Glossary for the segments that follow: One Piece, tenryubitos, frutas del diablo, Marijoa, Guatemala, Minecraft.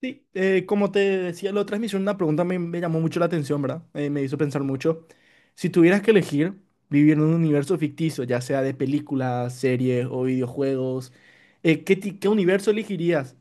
Sí, como te decía, la otra vez una pregunta, me llamó mucho la atención, ¿verdad? Me hizo pensar mucho. Si tuvieras que elegir vivir en un universo ficticio, ya sea de películas, series o videojuegos, ¿qué, qué universo elegirías?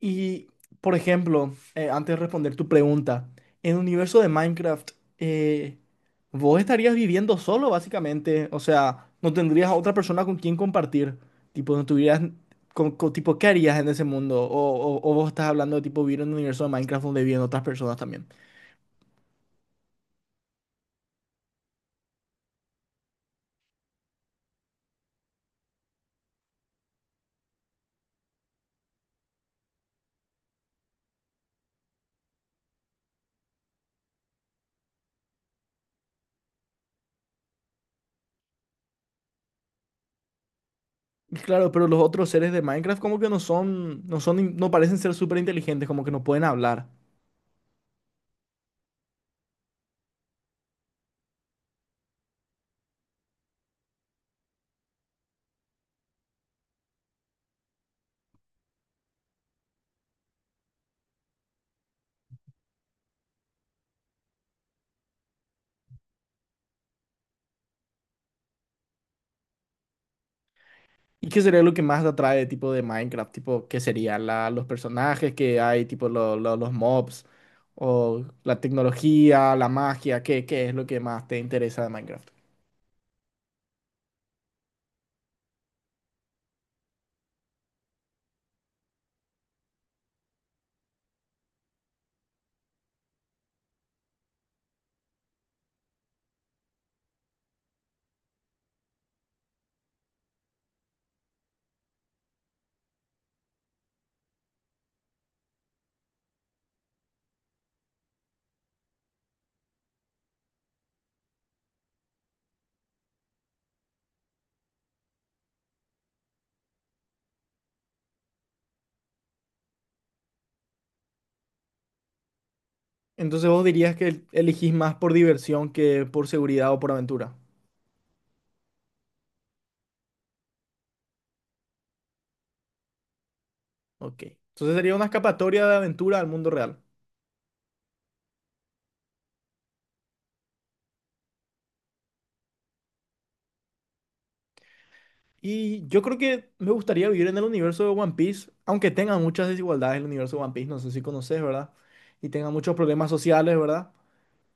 Y, por ejemplo, antes de responder tu pregunta, en el universo de Minecraft, eh, vos estarías viviendo solo, básicamente. O sea, no tendrías a otra persona con quien compartir. Tipo, no tuvieras... tipo, ¿qué harías en ese mundo? O vos estás hablando de tipo vivir en un universo de Minecraft donde viven otras personas también. Y claro, pero los otros seres de Minecraft como que no son, no parecen ser súper inteligentes, como que no pueden hablar. ¿Y qué sería lo que más te atrae tipo de Minecraft? Tipo, ¿qué sería la, los personajes que hay, tipo los mobs, o la tecnología, la magia? ¿Qué es lo que más te interesa de Minecraft? Entonces vos dirías que elegís más por diversión que por seguridad o por aventura. Ok. Entonces sería una escapatoria de aventura al mundo real. Y yo creo que me gustaría vivir en el universo de One Piece, aunque tenga muchas desigualdades el universo de One Piece, no sé si conoces, ¿verdad? Y tenga muchos problemas sociales, ¿verdad?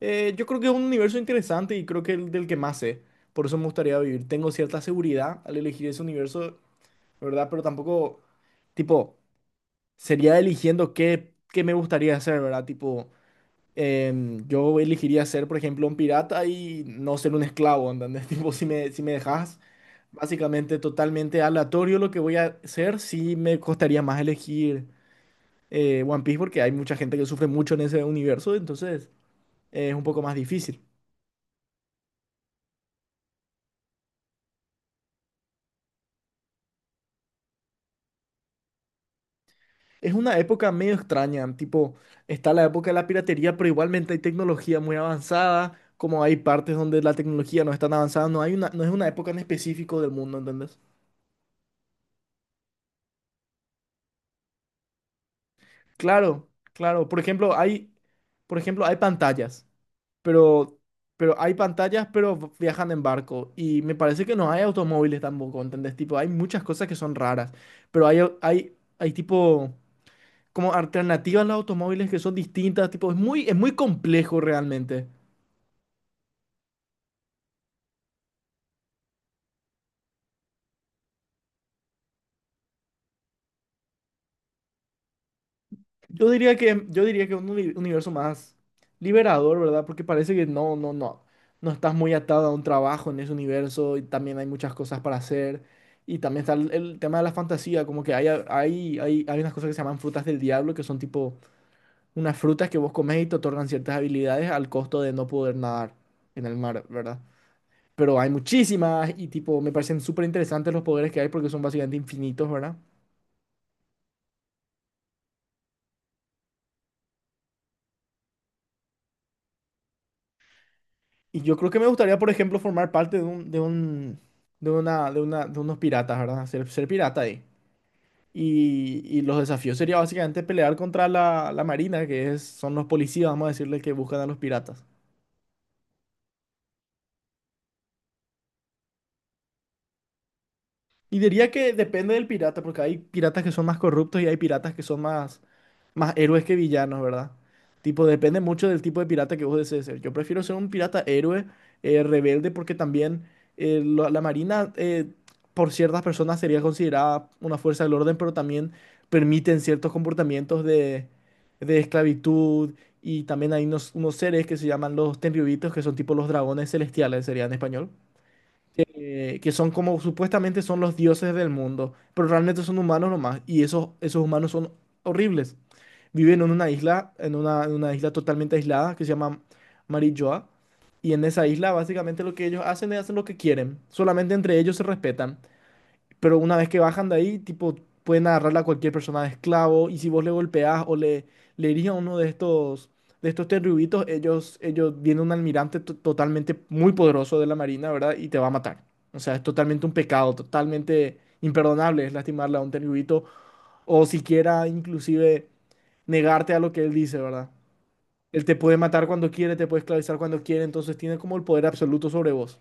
Yo creo que es un universo interesante y creo que el del que más sé. Por eso me gustaría vivir. Tengo cierta seguridad al elegir ese universo, ¿verdad? Pero tampoco, tipo, sería eligiendo qué, qué me gustaría hacer, ¿verdad? Tipo, yo elegiría ser, por ejemplo, un pirata y no ser un esclavo, ¿entendés? Tipo, si me dejas básicamente totalmente aleatorio lo que voy a hacer, sí me costaría más elegir One Piece porque hay mucha gente que sufre mucho en ese universo, entonces es un poco más difícil. Es una época medio extraña, tipo, está la época de la piratería, pero igualmente hay tecnología muy avanzada, como hay partes donde la tecnología no es tan avanzada, no hay una, no es una época en específico del mundo, ¿entendés? Claro, claro. Por ejemplo, hay pantallas, pero, pero hay pantallas, pero viajan en barco. Y me parece que no hay automóviles tampoco, ¿entendés? Tipo, hay muchas cosas que son raras, pero hay, hay tipo, como alternativas a los automóviles que son distintas, tipo, es muy complejo realmente. Yo diría que un universo más liberador, ¿verdad? Porque parece que no, no estás muy atado a un trabajo en ese universo y también hay muchas cosas para hacer. Y también está el tema de la fantasía, como que hay unas cosas que se llaman frutas del diablo, que son tipo unas frutas que vos comés y te otorgan ciertas habilidades al costo de no poder nadar en el mar, ¿verdad? Pero hay muchísimas y tipo, me parecen súper interesantes los poderes que hay porque son básicamente infinitos, ¿verdad? Y yo creo que me gustaría, por ejemplo, formar parte de un, de un, de una, de una, de unos piratas, ¿verdad? Ser pirata ahí. Y los desafíos sería básicamente pelear contra la marina, que es, son los policías, vamos a decirle, que buscan a los piratas. Y diría que depende del pirata, porque hay piratas que son más corruptos y hay piratas que son más, más héroes que villanos, ¿verdad? Tipo, depende mucho del tipo de pirata que vos desees ser. Yo prefiero ser un pirata héroe, rebelde, porque también la marina, por ciertas personas, sería considerada una fuerza del orden, pero también permiten ciertos comportamientos de esclavitud. Y también hay unos, unos seres que se llaman los tenryubitos, que son tipo los dragones celestiales, sería en español que son como supuestamente son los dioses del mundo, pero realmente son humanos nomás, y esos humanos son horribles. Viven en una isla, en una isla totalmente aislada que se llama Marijoa, y en esa isla básicamente lo que ellos hacen es hacen lo que quieren, solamente entre ellos se respetan. Pero una vez que bajan de ahí, tipo, pueden agarrarla a cualquier persona de esclavo. Y si vos le golpeás o le herís a uno de estos terrubitos, ellos viene un almirante totalmente muy poderoso de la Marina, ¿verdad? Y te va a matar. O sea, es totalmente un pecado, totalmente imperdonable es lastimarle a un terrubito. O siquiera inclusive negarte a lo que él dice, ¿verdad? Él te puede matar cuando quiere, te puede esclavizar cuando quiere, entonces tiene como el poder absoluto sobre vos.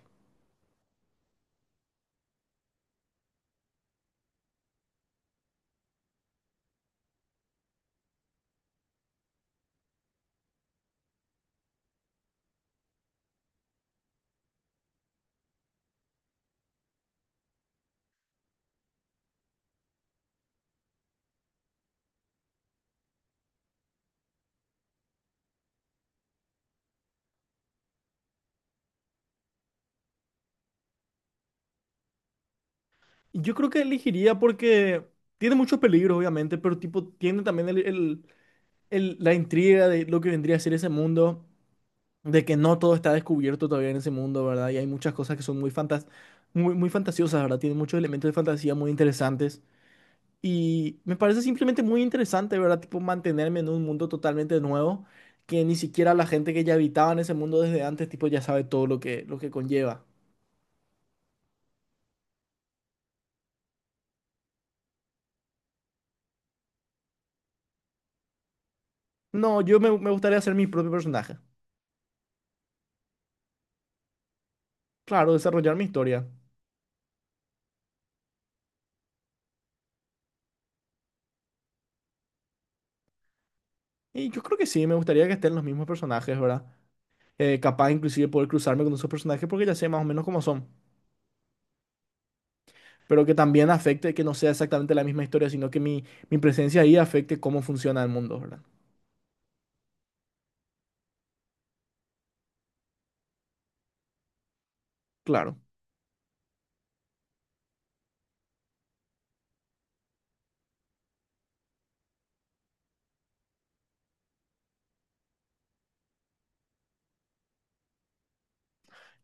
Yo creo que elegiría porque tiene muchos peligros, obviamente, pero tipo tiene también la intriga de lo que vendría a ser ese mundo, de que no todo está descubierto todavía en ese mundo, ¿verdad? Y hay muchas cosas que son muy fantas muy fantasiosas, ¿verdad? Tiene muchos elementos de fantasía muy interesantes. Y me parece simplemente muy interesante, ¿verdad? Tipo mantenerme en un mundo totalmente nuevo, que ni siquiera la gente que ya habitaba en ese mundo desde antes, tipo ya sabe todo lo que conlleva. No, me gustaría ser mi propio personaje. Claro, desarrollar mi historia. Y yo creo que sí, me gustaría que estén los mismos personajes, ¿verdad? Capaz inclusive poder cruzarme con esos personajes porque ya sé más o menos cómo son. Pero que también afecte que no sea exactamente la misma historia, sino que mi presencia ahí afecte cómo funciona el mundo, ¿verdad? Claro.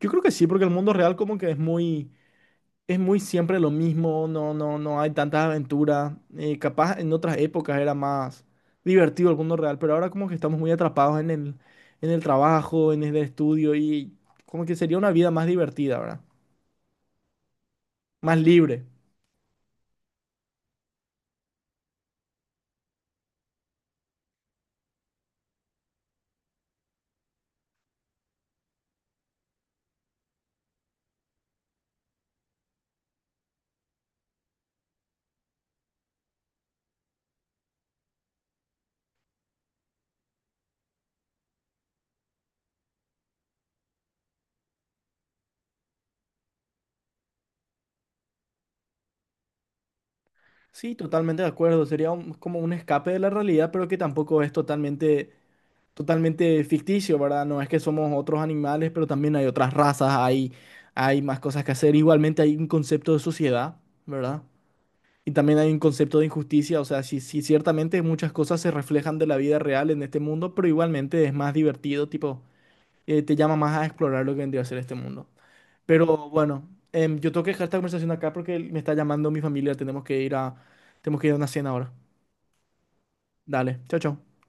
Yo creo que sí, porque el mundo real como que es muy siempre lo mismo, no hay tantas aventuras. Capaz en otras épocas era más divertido el mundo real, pero ahora como que estamos muy atrapados en en el trabajo, en el estudio y como que sería una vida más divertida, ¿verdad? Más libre. Sí, totalmente de acuerdo. Sería un- como un escape de la realidad, pero que tampoco es totalmente, totalmente ficticio, ¿verdad? No es que somos otros animales, pero también hay otras razas, hay más cosas que hacer. Igualmente hay un concepto de sociedad, ¿verdad? Y también hay un concepto de injusticia. O sea, sí, sí, ciertamente muchas cosas se reflejan de la vida real en este mundo, pero igualmente es más divertido, tipo, te llama más a explorar lo que vendría a ser este mundo. Pero bueno, yo tengo que dejar esta conversación acá porque me está llamando mi familia, tenemos que ir a, tenemos que ir a una cena ahora. Dale, chao, chao.